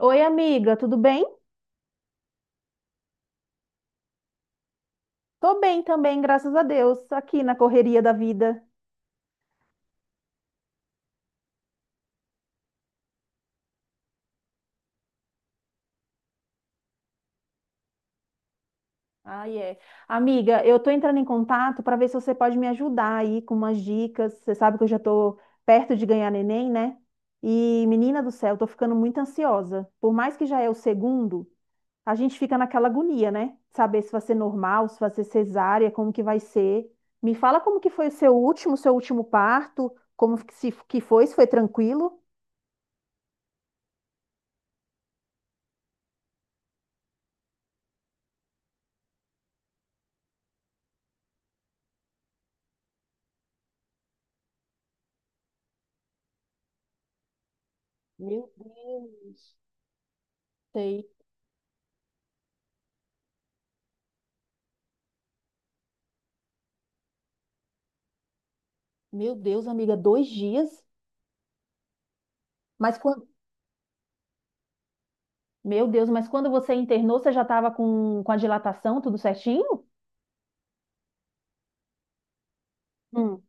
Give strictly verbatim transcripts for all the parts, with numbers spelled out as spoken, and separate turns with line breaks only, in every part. Oi, amiga, tudo bem? Tô bem também, graças a Deus, aqui na correria da vida. Ah, é. Amiga, eu tô entrando em contato para ver se você pode me ajudar aí com umas dicas. Você sabe que eu já tô perto de ganhar neném, né? E, menina do céu, eu tô ficando muito ansiosa. Por mais que já é o segundo, a gente fica naquela agonia, né? Saber se vai ser normal, se vai ser cesárea, como que vai ser. Me fala como que foi o seu último, seu último parto, como que se que foi, se foi tranquilo? Meu Deus. Meu Deus, amiga, dois dias? Mas quando... Meu Deus, mas quando você internou, você já estava com, com a dilatação, tudo certinho? Hum.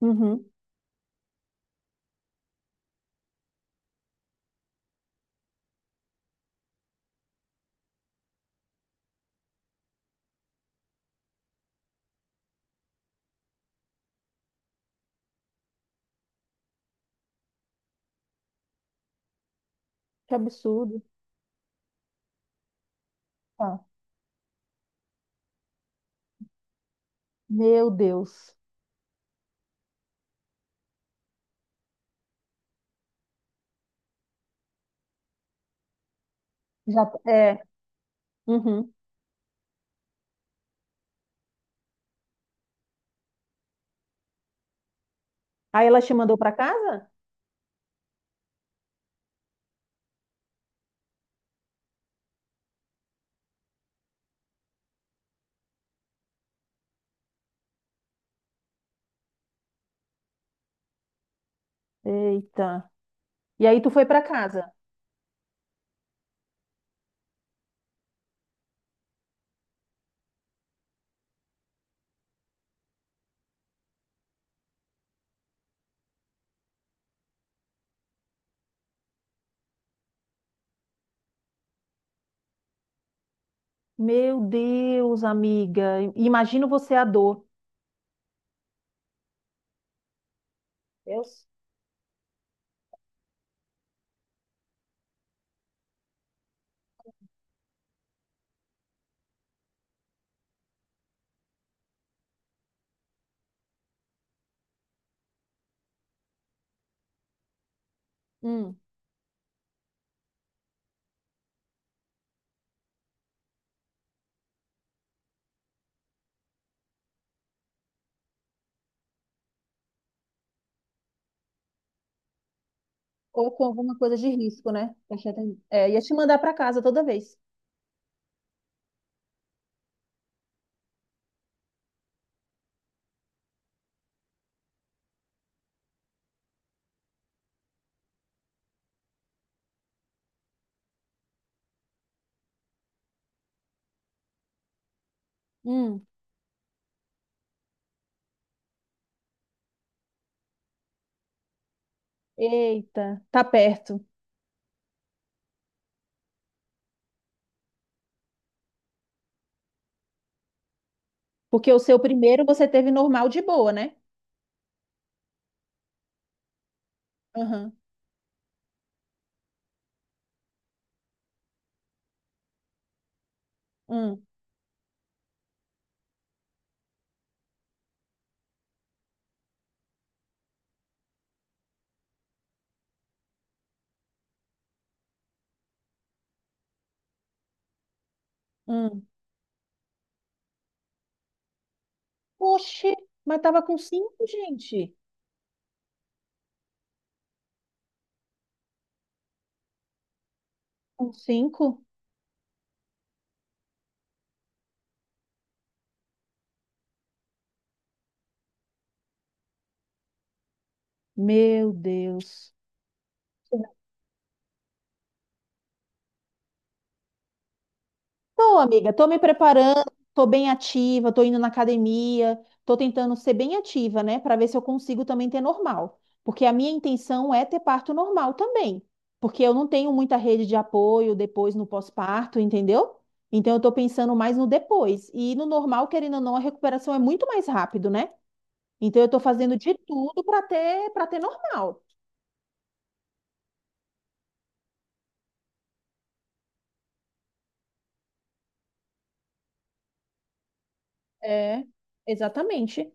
Uhum. Que absurdo. Tá. Meu Deus. Já... É. Uhum. Aí ela te mandou para casa? Eita. E aí tu foi para casa? Meu Deus, amiga. I- Imagino você a dor. Deus. Hum. Ou com alguma coisa de risco, né? Deixa eu ter- É, ia te mandar para casa toda vez. Hum. Eita, tá perto. Porque o seu primeiro você teve normal de boa, né? Aham. Hum, hum. Oxe, mas tava com cinco, gente. Com cinco? Meu Deus. Tô, amiga, tô me preparando, tô bem ativa, tô indo na academia, tô tentando ser bem ativa, né, para ver se eu consigo também ter normal, porque a minha intenção é ter parto normal também, porque eu não tenho muita rede de apoio depois no pós-parto, entendeu? Então eu tô pensando mais no depois, e no normal, querendo ou não, a recuperação é muito mais rápido, né? Então eu tô fazendo de tudo para ter para ter normal. É, exatamente.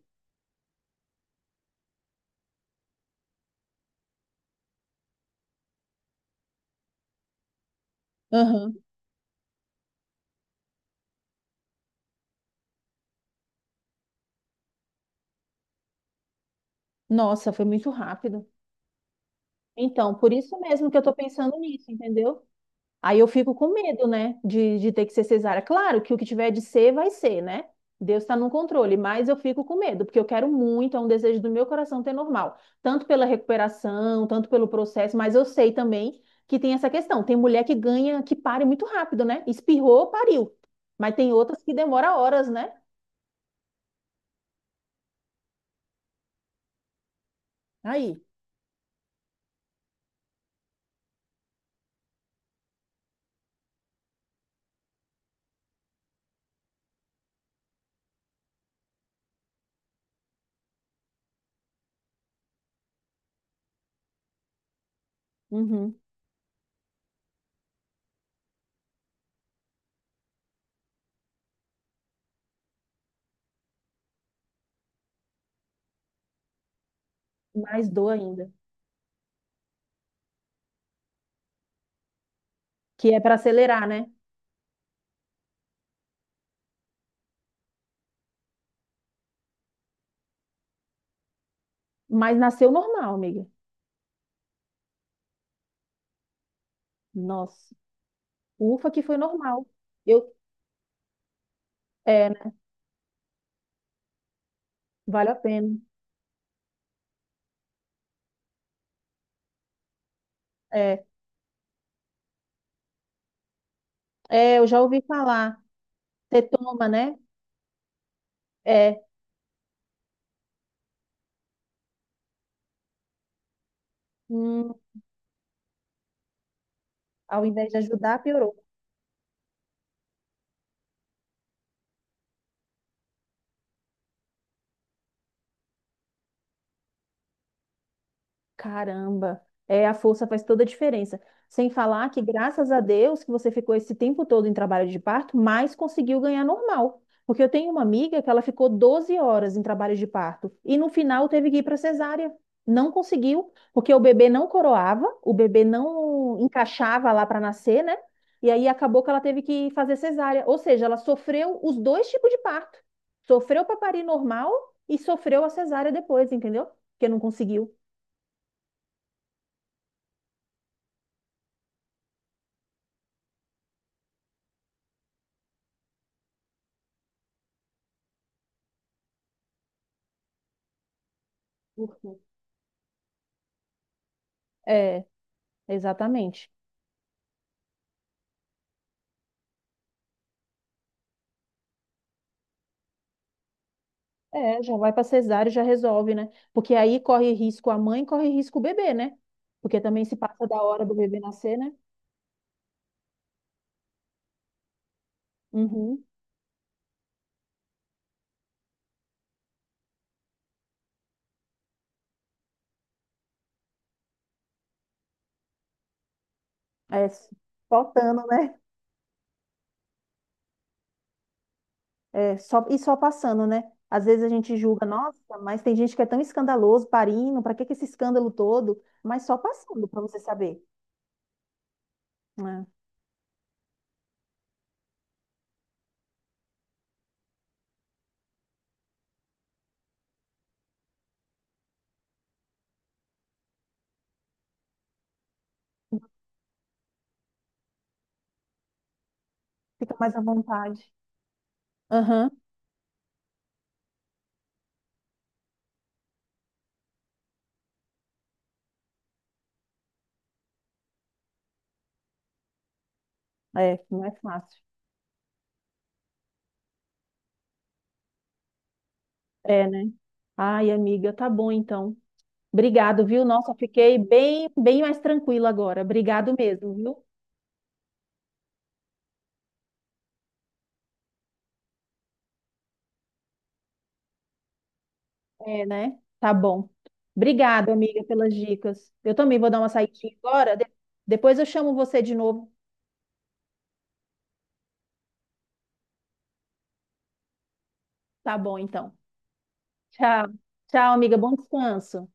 Aham. Nossa, foi muito rápido. Então, por isso mesmo que eu tô pensando nisso, entendeu? Aí eu fico com medo, né, de, de ter que ser cesárea. Claro que o que tiver de ser, vai ser, né? Deus está no controle, mas eu fico com medo, porque eu quero muito, é um desejo do meu coração ter normal, tanto pela recuperação, tanto pelo processo, mas eu sei também que tem essa questão. Tem mulher que ganha, que pare muito rápido, né? Espirrou, pariu. Mas tem outras que demora horas, né? Aí, uhum. Mais dor ainda, que é para acelerar, né? Mas nasceu normal, amiga. Nossa. Ufa, que foi normal. Eu, é, né? Vale a pena. É, é, eu já ouvi falar. Você toma, né? É, hum, ao invés de ajudar, piorou. Caramba, é, a força faz toda a diferença. Sem falar que, graças a Deus, que você ficou esse tempo todo em trabalho de parto, mas conseguiu ganhar normal. Porque eu tenho uma amiga que ela ficou doze horas em trabalho de parto e no final teve que ir para cesárea. Não conseguiu, porque o bebê não coroava, o bebê não encaixava lá para nascer, né? E aí acabou que ela teve que fazer cesárea. Ou seja, ela sofreu os dois tipos de parto. Sofreu para parir normal e sofreu a cesárea depois, entendeu? Porque não conseguiu. É, exatamente. É, já vai para cesárea e já resolve, né? Porque aí corre risco a mãe, corre risco o bebê, né? Porque também se passa da hora do bebê nascer, né? Uhum. É, faltando, né? É, só, e só passando, né? Às vezes a gente julga, nossa, mas tem gente que é tão escandaloso, parindo, para que que esse escândalo todo? Mas só passando, para você saber. Né? Fica mais à vontade. Aham, é, não é fácil. É, né? Ai, amiga, tá bom então. Obrigado, viu? Nossa, fiquei bem, bem mais tranquila agora. Obrigado mesmo, viu? É, né? Tá bom. Obrigada, amiga, pelas dicas. Eu também vou dar uma saidinha agora. de- Depois eu chamo você de novo. Tá bom, então. Tchau. Tchau, amiga. Bom descanso.